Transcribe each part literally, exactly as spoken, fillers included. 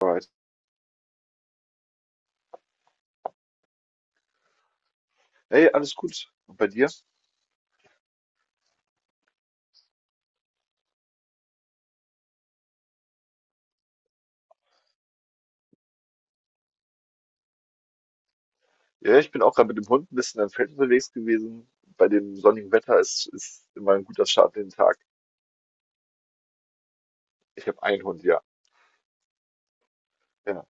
Alright. Hey, alles gut. Und bei dir? Ja, ich bin auch gerade mit dem Hund ein bisschen am Feld unterwegs gewesen. Bei dem sonnigen Wetter ist, ist immer ein guter Start in den Tag. Ich habe einen Hund, ja. Ja.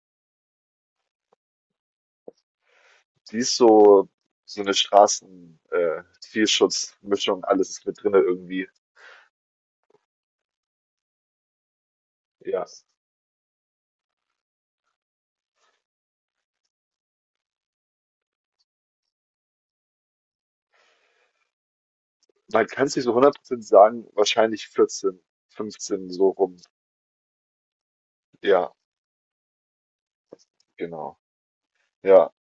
Die ist so, so eine Straßen, äh, Tierschutzmischung, alles ist mit drinne irgendwie. Ja. Man kann es nicht so hundert Prozent sagen, wahrscheinlich vierzehn, fünfzehn so rum. Ja, genau. Ja.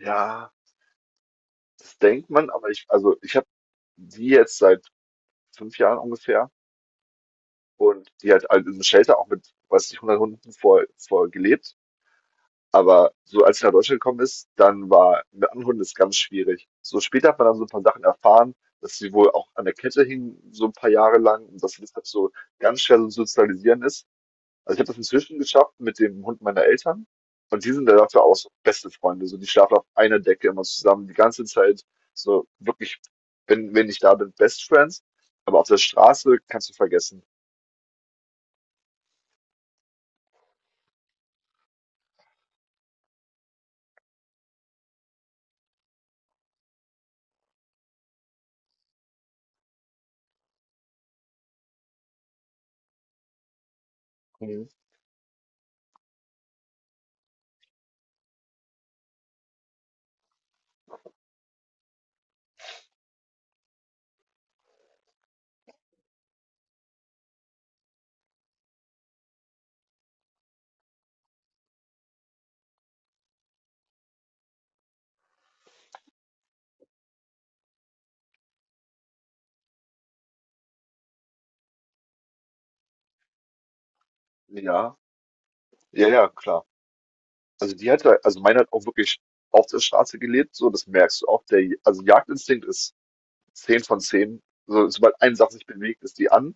Ja, das denkt man, aber ich, also ich habe die jetzt seit fünf Jahren ungefähr. Und die hat halt in einem Shelter auch mit, weiß nicht, hundert Hunden vor, vor gelebt. Aber so als sie nach Deutschland gekommen ist, dann war mit anderen Hunden ist ganz schwierig. So später hat man dann so ein paar Sachen erfahren, dass sie wohl auch an der Kette hing, so ein paar Jahre lang, und dass sie deshalb so ganz schwer so sozialisieren ist. Also ich habe das inzwischen geschafft mit dem Hund meiner Eltern. Und die sind da dafür auch so beste Freunde. So, die schlafen auf einer Decke immer zusammen, die ganze Zeit. So wirklich, wenn, wenn ich da bin, Best Friends. Aber auf der Straße kannst du vergessen. Mhm. Ja. Ja, ja, klar. Also die hat halt, also meine hat auch wirklich auf der Straße gelebt, so, das merkst du auch. Der, also Jagdinstinkt ist zehn von zehn. So, sobald eine Sache sich bewegt, ist die an.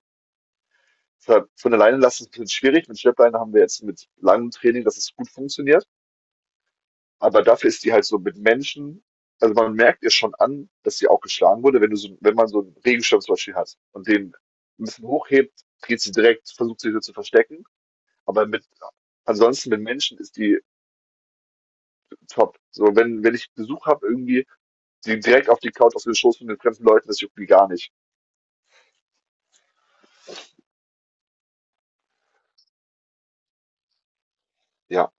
Deshalb von alleine lassen ist ein bisschen schwierig. Mit Schleppleine haben wir jetzt mit langem Training, dass es gut funktioniert. Aber dafür ist die halt so mit Menschen, also man merkt ihr schon an, dass sie auch geschlagen wurde, wenn du so, wenn man so einen Regenschirm zum Beispiel hat und den ein bisschen hochhebt, geht sie direkt, versucht sich so zu verstecken. Aber mit, ansonsten mit Menschen ist die top. So, wenn, wenn ich Besuch habe, irgendwie die direkt auf die Couch auf den Schoß von den fremden Leuten, das juckt mich gar nicht. Ja.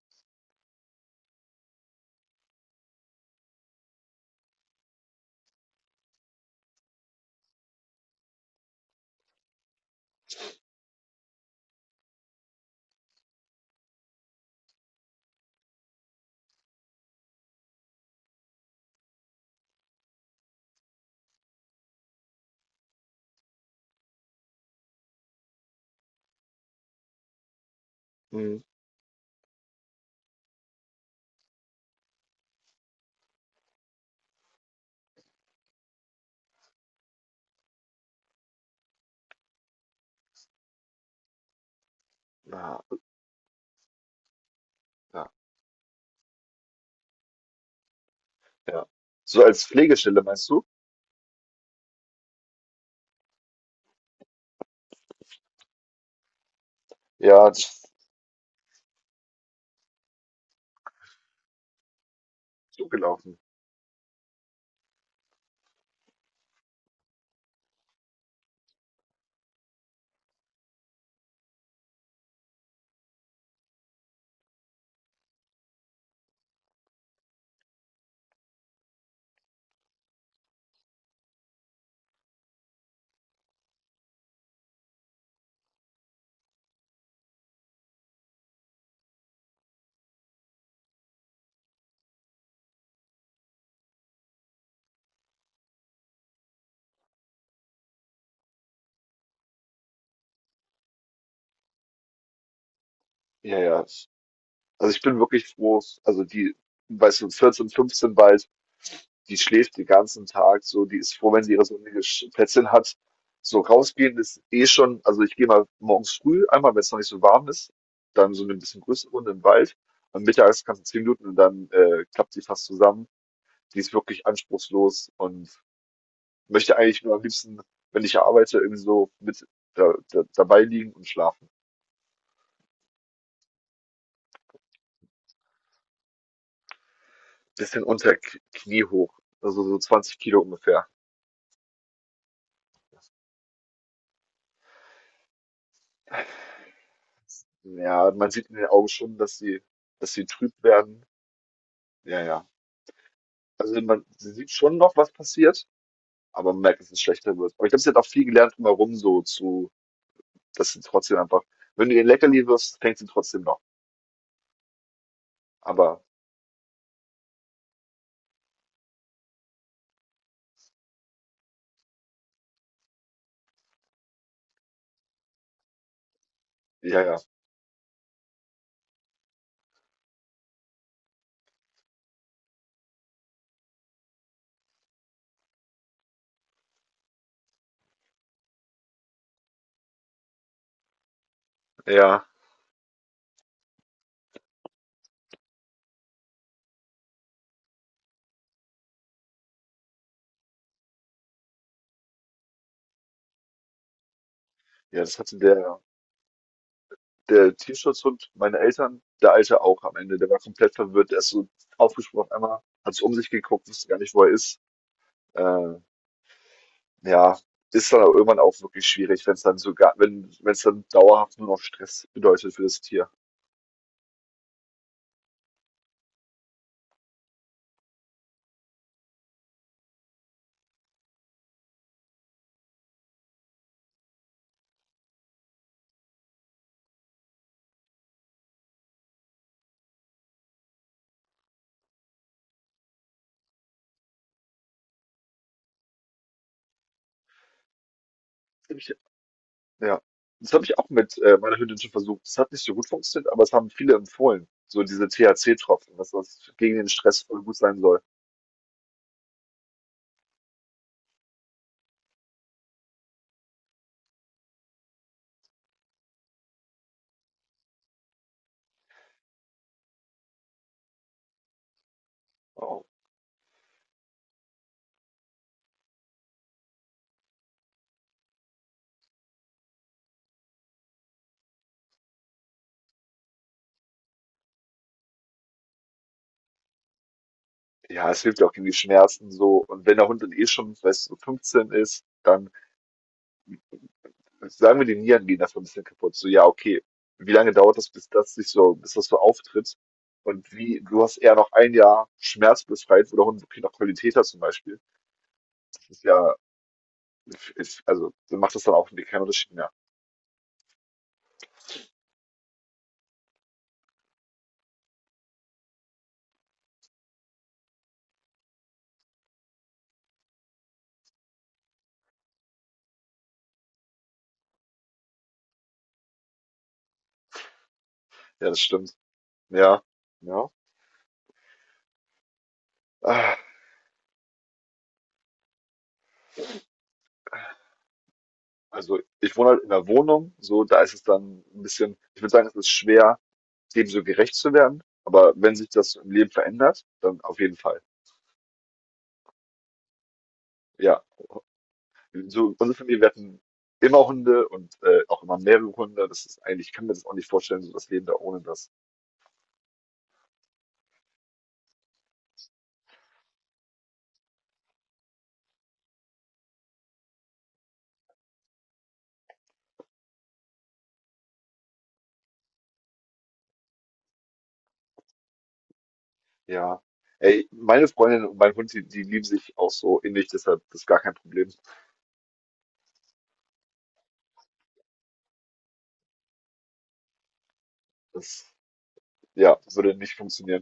Mhm. Ja, ja, ja. So als Pflegestelle meinst du? Ja, das ist zugelaufen. Ja, ja. Also ich bin wirklich froh. Also die, weißt du, vierzehn, fünfzehn war. Die schläft den ganzen Tag so, die ist froh, wenn sie ihre sonnige Sch- Plätzchen hat. So rausgehen ist eh schon, also ich gehe mal morgens früh, einmal, wenn es noch nicht so warm ist, dann so eine bisschen größere Runde im Wald. Am mittags kannst du zehn Minuten und dann äh, klappt sie fast zusammen. Die ist wirklich anspruchslos und möchte eigentlich nur am liebsten, wenn ich arbeite, irgendwie so mit da, da, dabei liegen und schlafen. Bisschen unter K- Knie hoch, also so zwanzig Kilo ungefähr. Ja, man sieht in den Augen schon, dass sie, dass sie trüb werden. Ja, ja. Also man sieht schon noch, was passiert, aber man merkt, dass es schlechter wird. Aber ich glaube, sie hat auch viel gelernt drumherum so zu, dass sie trotzdem einfach, wenn du ihr ein Leckerli wirst, fängt sie trotzdem noch. Aber ja, ja, ja, ja, das hatte der, der Tierschutzhund, meine Eltern, der Alte auch am Ende, der war komplett verwirrt, der ist so aufgesprungen auf einmal, hat so um sich geguckt, wusste gar nicht, wo er ist. Äh, ja, ist dann aber irgendwann auch wirklich schwierig, wenn es dann sogar, wenn, wenn es dann dauerhaft nur noch Stress bedeutet für das Tier. Ja. Das habe ich auch mit, äh, meiner Hündin schon versucht. Das hat nicht so gut funktioniert, aber es haben viele empfohlen. So diese T H C-Tropfen, dass das gegen den Stress voll gut sein soll. Oh. Ja, es hilft ja auch gegen die Schmerzen so. Und wenn der Hund dann eh schon, weißt du, so fünfzehn ist, dann sagen wir, die Nieren gehen nach fünfzehn kaputt. So, ja, okay. Wie lange dauert das, bis das sich so, bis das so auftritt? Und wie, du hast eher noch ein Jahr schmerzbefreit, wo der Hund wirklich noch Qualität hat zum Beispiel. Das ist ja, ist, also, dann macht das dann auch keinen Unterschied mehr. Ja, das stimmt. Ja, ja. Ah, also ich wohne halt in 'ner Wohnung, so, da ist es dann ein bisschen, ich würde sagen, es ist schwer, dem so gerecht zu werden, aber wenn sich das im Leben verändert, dann auf jeden Fall, ja. So, unsere Familie, wir hatten immer Hunde und, äh, auch immer mehrere Hunde. Das ist eigentlich, ich kann mir das auch nicht vorstellen, so das Leben da ohne das. Ja. Ey, meine Freundin und mein Hund, die die lieben sich auch so innig, deshalb das ist gar kein Problem. Das, ja, würde nicht funktionieren.